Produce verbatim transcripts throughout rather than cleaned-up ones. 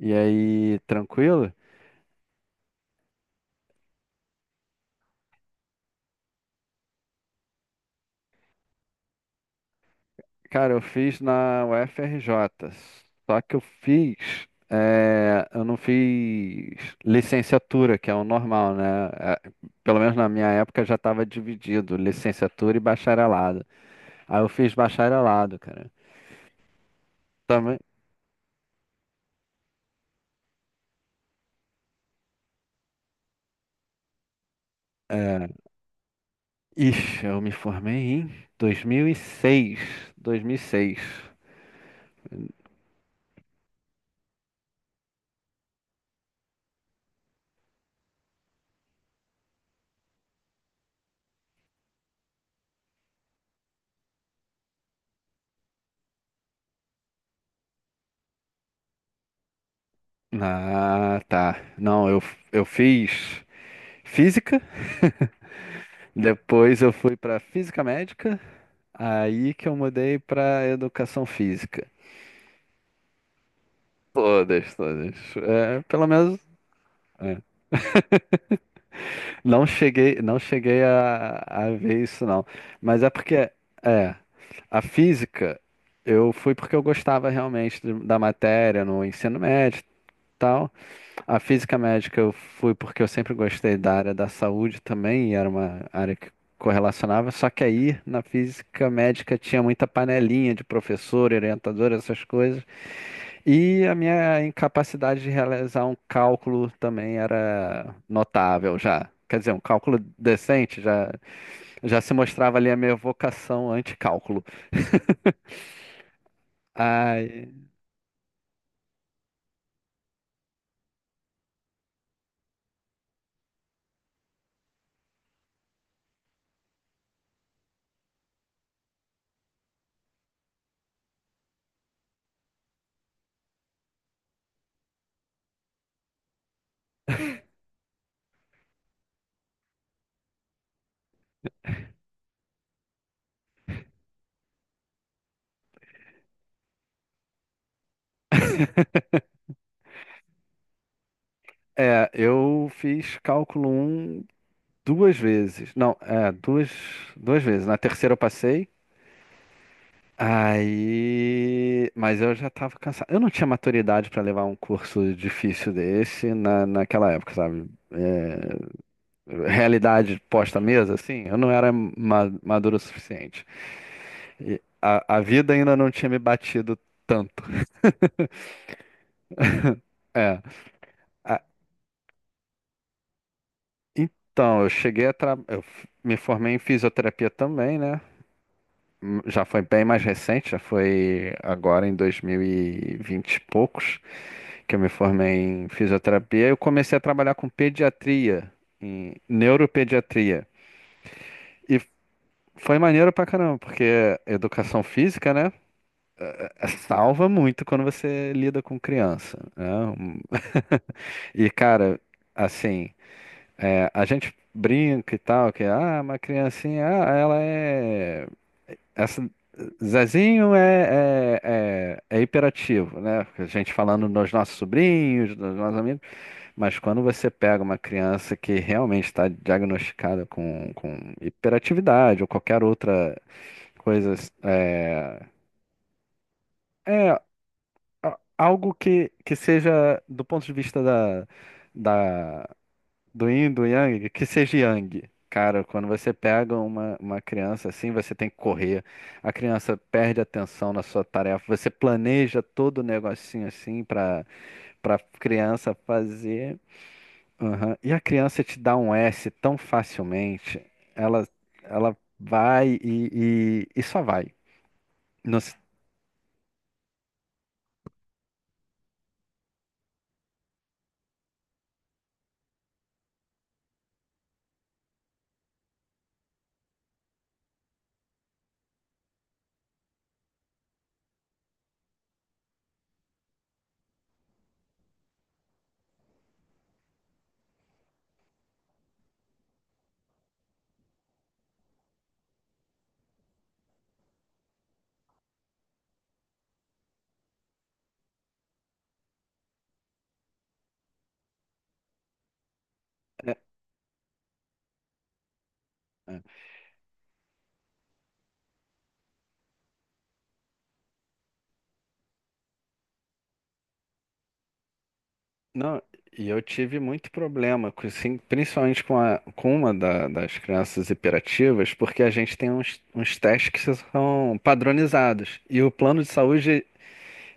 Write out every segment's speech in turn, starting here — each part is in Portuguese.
E aí, tranquilo? Cara, eu fiz na U F R J, só que eu fiz, eh, eu não fiz licenciatura, que é o normal, né? Eh, Pelo menos na minha época já estava dividido, licenciatura e bacharelado. Aí eu fiz bacharelado, cara. Também, é, ixi, eu me formei em dois mil e seis, dois mil e seis. Ah, tá. Não, eu, eu fiz física. Depois eu fui pra física médica, aí que eu mudei pra educação física. Todas, todas. É, pelo menos é. Não cheguei, não cheguei a, a ver isso não. Mas é porque é a física, eu fui porque eu gostava realmente de- da matéria no ensino médio, e tal. A física médica eu fui porque eu sempre gostei da área da saúde também, e era uma área que correlacionava, só que aí na física médica tinha muita panelinha de professor, orientador, essas coisas, e a minha incapacidade de realizar um cálculo também era notável já. Quer dizer, um cálculo decente já, já se mostrava ali a minha vocação anti-cálculo. Ai, é, eu fiz cálculo um duas vezes. Não, é, duas, duas vezes. Na terceira eu passei. Aí, mas eu já tava cansado. Eu não tinha maturidade para levar um curso difícil desse na, naquela época, sabe? É, realidade posta à mesa, assim, eu não era ma- maduro o suficiente. E a, a vida ainda não tinha me batido tanto. É. A- então, eu cheguei a tra... eu f- me formei em fisioterapia também, né? Já foi bem mais recente, já foi agora em dois mil e vinte e poucos, que eu me formei em fisioterapia. Eu comecei a trabalhar com pediatria, em neuropediatria. E foi maneiro pra caramba, porque educação física, né, salva muito quando você lida com criança, né? Um- E, cara, assim, é, a gente brinca e tal, que ah, uma criancinha, ah, ela é. Essa- Zezinho é, é, é, é hiperativo, né? A gente falando dos nossos sobrinhos, dos nossos amigos, mas quando você pega uma criança que realmente está diagnosticada com, com hiperatividade ou qualquer outra coisa, é, é a- algo que, que seja do ponto de vista da, da. Do yin, do yang, que seja yang. Cara, quando você pega uma, uma criança assim, você tem que correr. A criança perde atenção na sua tarefa. Você planeja todo o negocinho assim para para criança fazer. Aham. E a criança te dá um S tão facilmente. Ela ela vai e, e, e só vai. Não se- É. É. Não, e eu tive muito problema, com, assim, principalmente com, a, com uma da- das crianças hiperativas, porque a gente tem uns, uns testes que são padronizados. E o plano de saúde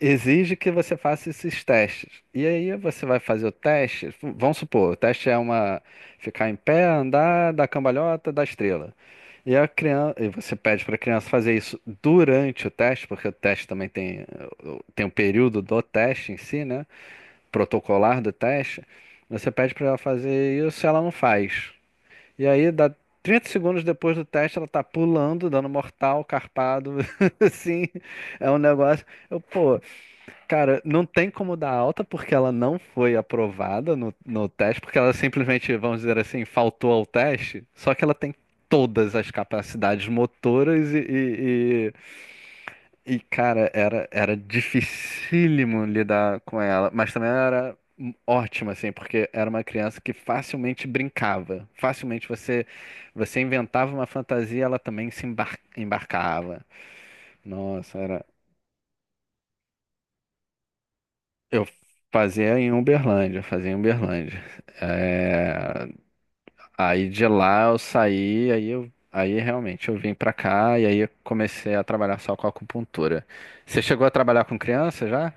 exige que você faça esses testes. E aí você vai fazer o teste, vamos supor, o teste é uma ficar em pé, andar, dar cambalhota, dar estrela. E a criança, e você pede para a criança fazer isso durante o teste, porque o teste também tem, tem um período do teste em si, né? Protocolar do teste, você pede para ela fazer isso, ela não faz. E aí, dá trinta segundos depois do teste, ela tá pulando, dando mortal, carpado, assim, é um negócio. Eu, pô, cara, não tem como dar alta porque ela não foi aprovada no, no teste, porque ela simplesmente, vamos dizer assim, faltou ao teste, só que ela tem todas as capacidades motoras e, e- e, cara, era, era dificílimo lidar com ela, mas também era ótima, assim, porque era uma criança que facilmente brincava. Facilmente você você inventava uma fantasia, ela também se embar- embarcava. Nossa, era. Eu fazia em Uberlândia, fazia em Uberlândia. É, aí de lá eu saí, aí eu. Aí realmente eu vim pra cá e aí eu comecei a trabalhar só com acupuntura. Você chegou a trabalhar com criança já?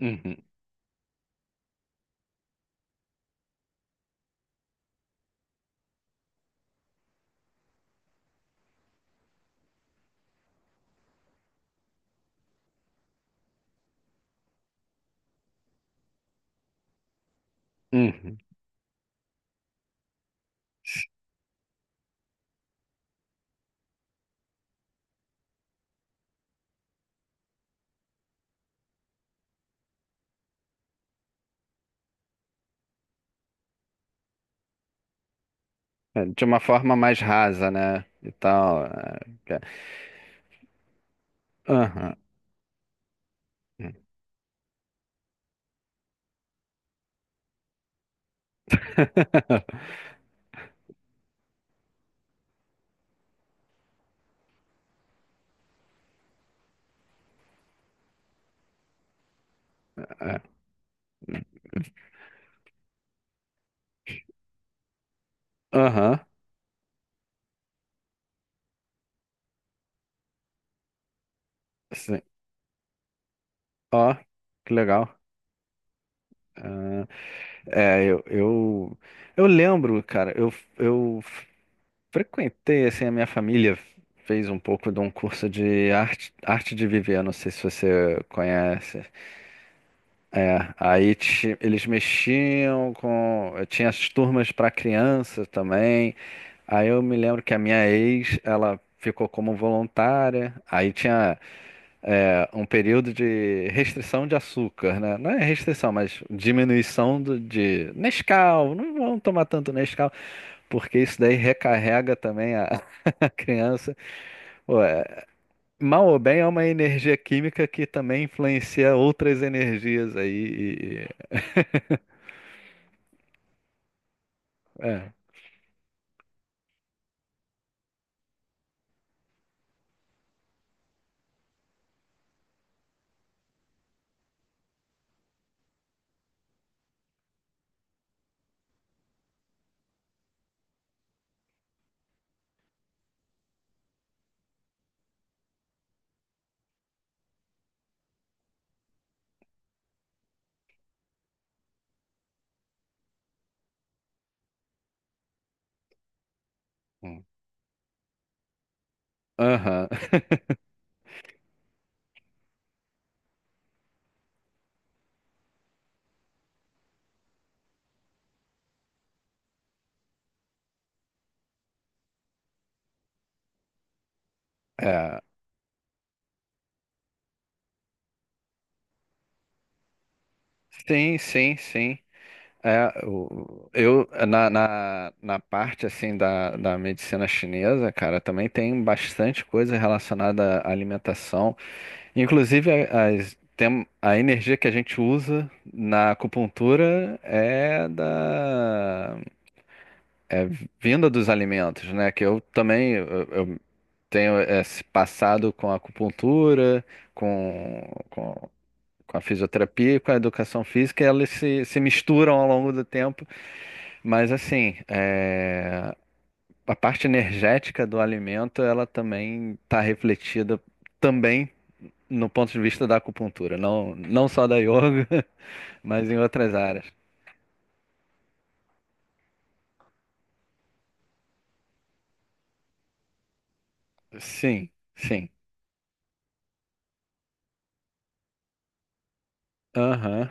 Uhum, uhum. É, de uma forma mais rasa, né? E tal. É, que- aham. É, aham. Sim. Ó, que legal. Ah, é, eu, eu, eu lembro, cara, eu, eu frequentei, assim, a minha família fez um pouco de um curso de arte, arte de viver, não sei se você conhece. É, aí ti- eles mexiam com. Tinha as turmas para crianças também. Aí eu me lembro que a minha ex, ela ficou como voluntária. Aí tinha, é, um período de restrição de açúcar, né? Não é restrição, mas diminuição do- de Nescau. Não vão tomar tanto Nescau, porque isso daí recarrega também a, a criança. Pô, é, mal ou bem é uma energia química que também influencia outras energias aí. E- e- é. Hum. Aham. É. Sim, sim, sim. É, o- eu na, na, na parte assim da, da medicina chinesa, cara, também tem bastante coisa relacionada à alimentação, inclusive a- as, tem, a energia que a gente usa na acupuntura é da, é vinda dos alimentos, né? Que eu também eu, eu tenho esse passado com a acupuntura, com, com, com a fisioterapia e com a educação física, elas se, se misturam ao longo do tempo. Mas assim, é, a parte energética do alimento, ela também está refletida também no ponto de vista da acupuntura, não, não só da yoga, mas em outras áreas. Sim, sim. Aham.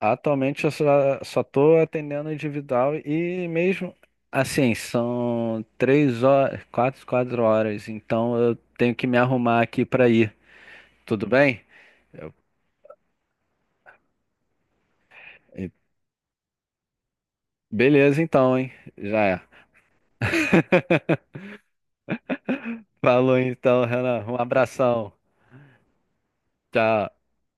Atualmente eu só só estou atendendo individual e mesmo assim, são três horas, quatro, quatro horas, então eu tenho que me arrumar aqui para ir. Tudo bem? Eu- e- Beleza então, hein? Já é. Falou então, Renan. Um abração. Tchau.